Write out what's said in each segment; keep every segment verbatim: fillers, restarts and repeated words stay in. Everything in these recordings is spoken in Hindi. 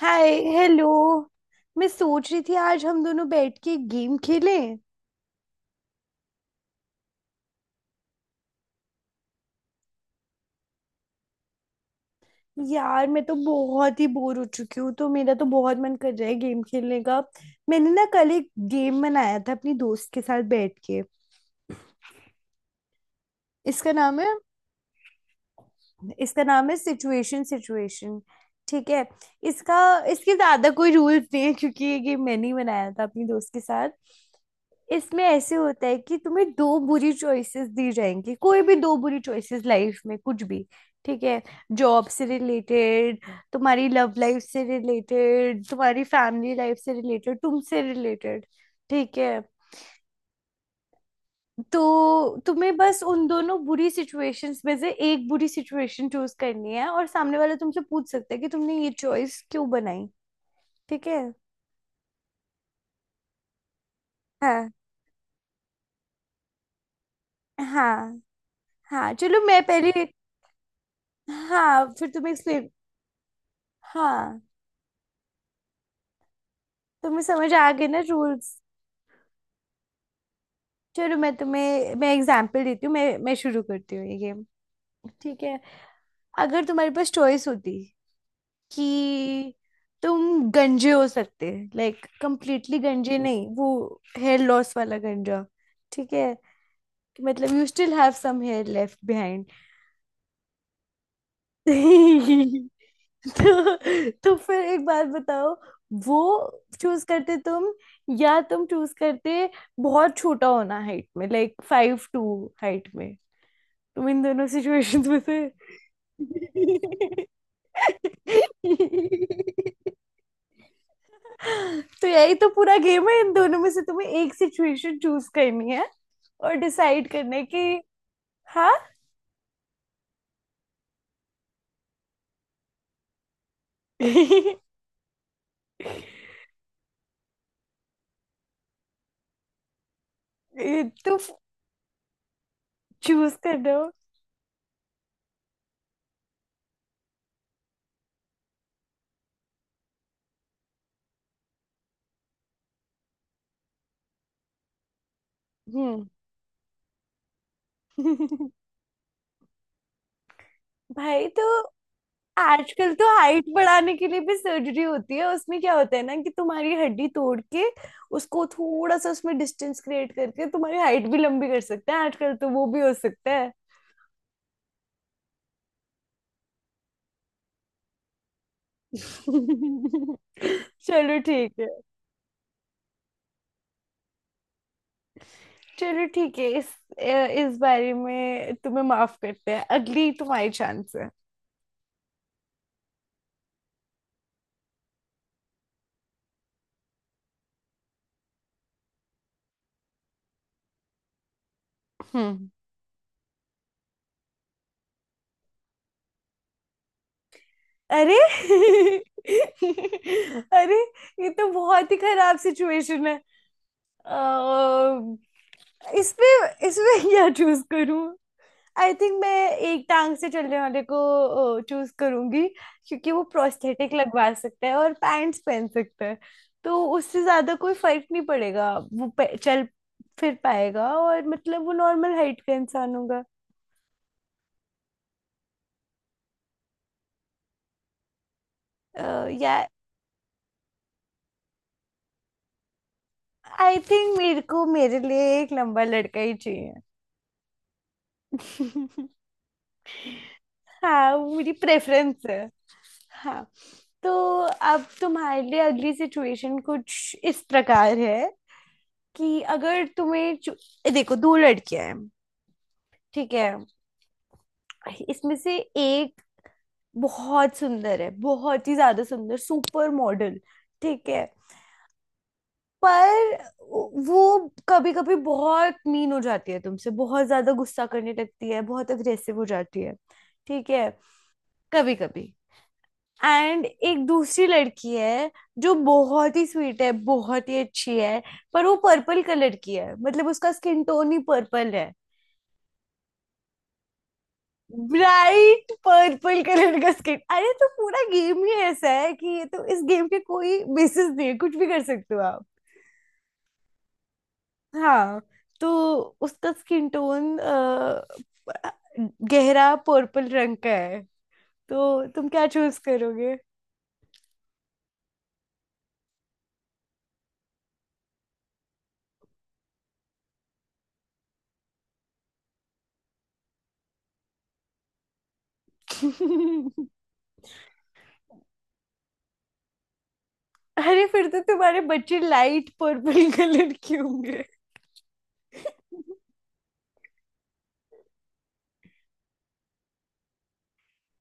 हाय। हेलो। मैं सोच रही थी आज हम दोनों बैठ के गेम खेलें। यार मैं तो बहुत ही बोर हो चुकी हूँ, तो मेरा तो बहुत मन कर रहा है गेम खेलने का। मैंने ना कल एक गेम बनाया था अपनी दोस्त के साथ बैठ के। इसका नाम है, इसका नाम है सिचुएशन सिचुएशन ठीक है। इसका इसके ज्यादा कोई रूल्स नहीं है क्योंकि ये गेम मैंने ही बनाया था अपनी दोस्त के साथ। इसमें ऐसे होता है कि तुम्हें दो बुरी चॉइसेस दी जाएंगी, कोई भी दो बुरी चॉइसेस, लाइफ में कुछ भी। ठीक है। जॉब से रिलेटेड, तुम्हारी लव लाइफ से रिलेटेड, तुम्हारी फैमिली लाइफ से रिलेटेड, तुमसे रिलेटेड। ठीक है। तो तुम्हें बस उन दोनों बुरी सिचुएशंस में से एक बुरी सिचुएशन चूज करनी है, और सामने वाला तुमसे पूछ सकता है कि तुमने ये चॉइस क्यों बनाई। ठीक है। हाँ। हाँ। हाँ, चलो मैं पहले। हाँ, फिर तुम्हें एक्सप्लेन। हाँ। तुम्हें समझ आ गए ना रूल्स? चलो मैं तुम्हें, मैं एग्जांपल देती हूँ मैं मैं शुरू करती हूँ ये गेम। ठीक है। अगर तुम्हारे पास चॉइस होती कि तुम गंजे हो सकते, लाइक कंप्लीटली गंजे नहीं, वो हेयर लॉस वाला गंजा। ठीक है। कि मतलब you still have some hair left behind. तो तो फिर एक बात बताओ, वो चूज करते तुम, या तुम चूज करते बहुत छोटा होना हाइट में, लाइक फाइव टू। हाइट में? तुम इन दोनों सिचुएशंस में थे। तो यही तो पूरा गेम है, इन दोनों में से तुम्हें एक सिचुएशन चूज करनी है और डिसाइड करना है कि। हाँ। ये तो चूज कर रहे हो। हम्म। भाई तो आजकल तो हाइट बढ़ाने के लिए भी सर्जरी होती है, उसमें क्या होता है ना कि तुम्हारी हड्डी तोड़ के उसको थोड़ा सा, उसमें डिस्टेंस क्रिएट करके तुम्हारी हाइट भी लंबी कर सकते हैं, आजकल तो वो भी हो सकता है। चलो ठीक है। चलो ठीक है। इस अ, इस बारे में तुम्हें माफ करते हैं, अगली तुम्हारी चांस है। हम्म। अरे। अरे, ये तो बहुत ही खराब सिचुएशन है। अ, इसमें इसमें क्या चूज करूं? आई थिंक मैं एक टांग से चलने वाले को चूज करूंगी, क्योंकि वो प्रोस्थेटिक लगवा सकता है और पैंट्स पहन सकता है, तो उससे ज्यादा कोई फर्क नहीं पड़ेगा, वो पे- चल फिर पाएगा, और मतलब वो नॉर्मल हाइट का इंसान होगा। अ, या आई थिंक मेरे को, मेरे लिए एक लंबा लड़का ही चाहिए। हाँ वो मेरी प्रेफरेंस है। हाँ। तो अब तुम्हारे लिए अगली सिचुएशन कुछ इस प्रकार है कि अगर तुम्हें चू- देखो दो लड़कियां हैं। ठीक है। इसमें से एक बहुत सुंदर है, बहुत ही ज्यादा सुंदर, सुपर मॉडल। ठीक है। पर वो कभी कभी बहुत मीन हो जाती है, तुमसे बहुत ज्यादा गुस्सा करने लगती है, बहुत अग्रेसिव हो जाती है। ठीक है। कभी कभी। एंड एक दूसरी लड़की है जो बहुत ही स्वीट है, बहुत ही अच्छी है, पर वो पर्पल कलर की है, मतलब उसका स्किन टोन ही पर्पल है। ब्राइट पर्पल कलर का स्किन, अरे तो पूरा गेम ही ऐसा है कि ये तो, इस गेम के कोई बेसिस नहीं है, कुछ भी कर सकते हो आप। हाँ। तो उसका स्किन टोन गहरा पर्पल रंग का है, तो तुम क्या चूज करोगे? अरे फिर तो तुम्हारे बच्चे लाइट पर्पल कलर के होंगे।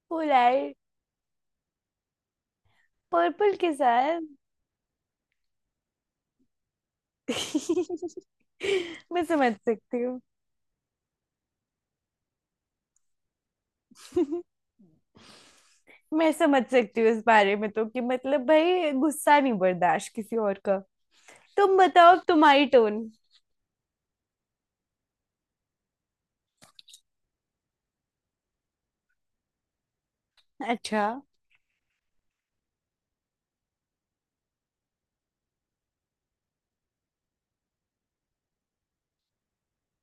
पोलाइट। पर्पल के साथ। मैं समझ सकती हूँ। मैं समझ सकती हूँ इस बारे में तो, कि मतलब भाई गुस्सा नहीं बर्दाश्त किसी और का। तुम बताओ, अब तुम्हारी टोन। अच्छा।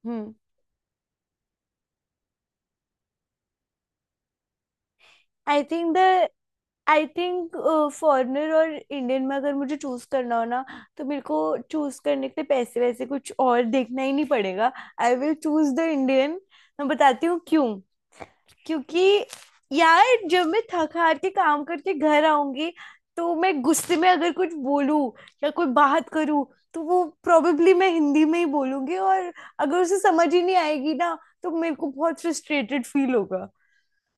Hmm. I think the, I think foreigner और इंडियन में अगर मुझे चूज करना हो ना, तो मेरे को चूज करने के लिए पैसे वैसे कुछ और देखना ही नहीं पड़ेगा। I will choose the Indian. मैं बताती हूँ क्यों। क्योंकि यार जब मैं थक हार के काम करके घर आऊंगी, तो मैं गुस्से में अगर कुछ बोलूं या कोई बात करूं, तो वो प्रोबेबली, मैं हिंदी में ही बोलूंगी, और अगर उसे समझ ही नहीं आएगी ना, तो मेरे को बहुत फ्रस्ट्रेटेड फील होगा।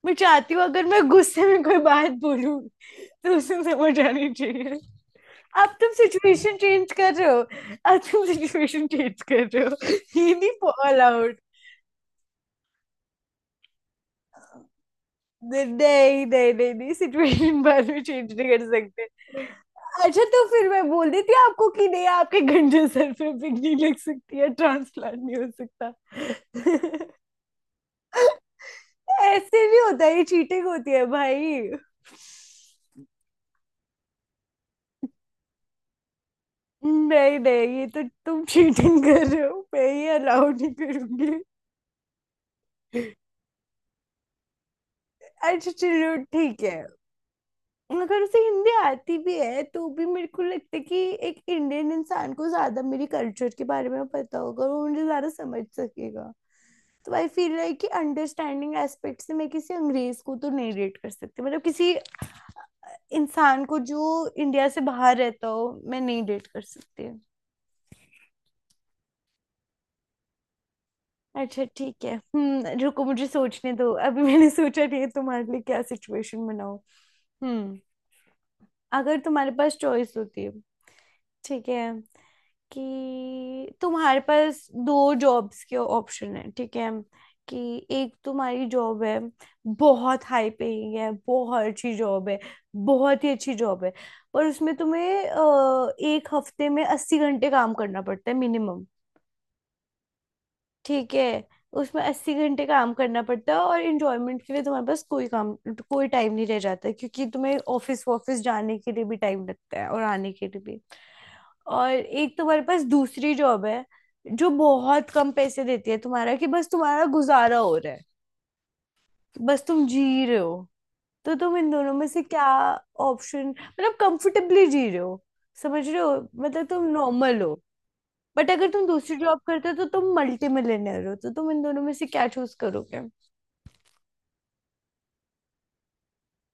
मैं चाहती हूँ अगर मैं गुस्से में कोई बात बोलूं तो उसे समझ आनी चाहिए। अब तुम सिचुएशन चेंज कर रहे हो। अब तुम सिचुएशन चेंज कर रहे हो, हिंदी नहीं अलाउड। नहीं नहीं। नहीं नहीं, सिचुएशन बाद में चेंज नहीं कर सकते। अच्छा तो फिर मैं बोल देती आपको कि नहीं, आपके गंजे सर पे पिक नहीं लग सकती है, ट्रांसप्लांट नहीं हो सकता। ऐसे भी होता है ये, चीटिंग होती है भाई। नहीं नहीं, ये तो तुम चीटिंग कर रहे हो, मैं ये अलाउ नहीं करूंगी। अच्छा चलो ठीक है। अगर उसे हिंदी आती भी है, तो भी मेरे को लगता है कि एक इंडियन इंसान को ज्यादा मेरी कल्चर के बारे में पता होगा और वो मुझे ज्यादा समझ सकेगा। तो आई फील लाइक कि अंडरस्टैंडिंग एस्पेक्ट से, मैं किसी अंग्रेज को तो नहीं रेट कर सकती, मतलब किसी इंसान को जो इंडिया से बाहर रहता हो, मैं नहीं डेट कर सकती हूँ। अच्छा ठीक है। हम्म, रुको मुझे सोचने दो, अभी मैंने सोचा नहीं है तुम्हारे लिए क्या सिचुएशन बनाऊं। हम्म। अगर तुम्हारे पास चॉइस होती है, ठीक है, कि तुम्हारे पास दो जॉब्स के ऑप्शन है। ठीक है। कि एक तुम्हारी जॉब है, बहुत हाई पेइंग है, बहुत अच्छी जॉब है, बहुत ही अच्छी जॉब है, और उसमें तुम्हें अ, एक हफ्ते में अस्सी घंटे काम करना पड़ता है मिनिमम। ठीक है। उसमें अस्सी घंटे काम करना पड़ता है और इंजॉयमेंट के लिए तुम्हारे पास कोई काम, कोई टाइम नहीं रह जाता है, क्योंकि तुम्हें ऑफिस ऑफिस जाने के लिए भी टाइम लगता है और आने के लिए भी। और एक तुम्हारे पास दूसरी जॉब है, जो बहुत कम पैसे देती है तुम्हारा, कि बस तुम्हारा गुजारा हो रहा है, बस तुम जी रहे हो। तो तुम इन दोनों में से क्या ऑप्शन, मतलब कंफर्टेबली जी रहे हो, समझ रहे हो, मतलब तुम नॉर्मल हो। बट अगर तुम दूसरी जॉब करते हो, तो तुम मल्टी मिलियनर हो। तो तुम इन दोनों में से क्या चूज करोगे?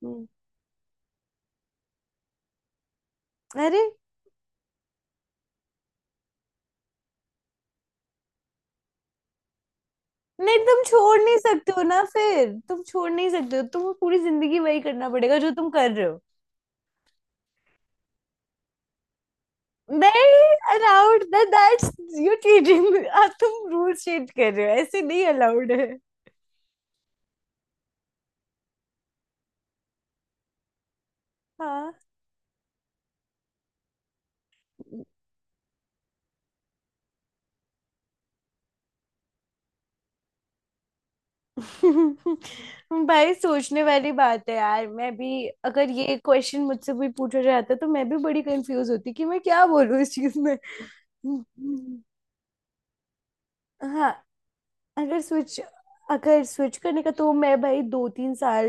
हम्म। अरे नहीं, तुम छोड़ नहीं सकते हो ना, फिर तुम छोड़ नहीं सकते हो, तुम्हें पूरी जिंदगी वही करना पड़ेगा जो तुम कर रहे हो। नहीं allowed that, that's you cheating. आप, तुम रूल चेंज कर रहे हो, ऐसे नहीं अलाउड है। हाँ। भाई सोचने वाली बात है यार, मैं भी अगर, ये क्वेश्चन मुझसे भी पूछा जाता तो मैं भी बड़ी कंफ्यूज होती कि मैं क्या बोलूँ इस चीज में। हाँ। अगर स्विच, अगर स्विच करने का, तो मैं भाई दो तीन साल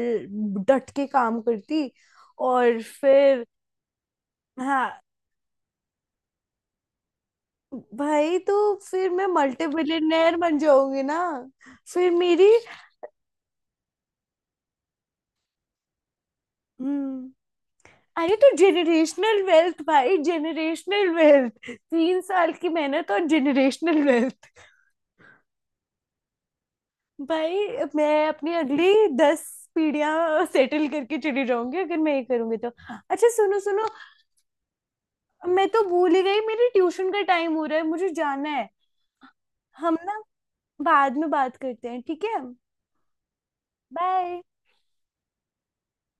डट के काम करती और फिर। हाँ। भाई तो फिर मैं मल्टी बिलियनेयर बन जाऊंगी ना। फिर मेरी। हम्म। अरे तो जेनरेशनल वेल्थ भाई, जेनरेशनल वेल्थ, तीन साल की मेहनत और जेनरेशनल वेल्थ। भाई मैं अपनी अगली दस पीढ़ियां सेटल करके चली जाऊंगी अगर मैं ये करूंगी तो। अच्छा सुनो सुनो, मैं तो भूल ही गई, मेरी ट्यूशन का टाइम हो रहा है, मुझे जाना है। हम ना, बाद में बात करते हैं ठीक है। बाय।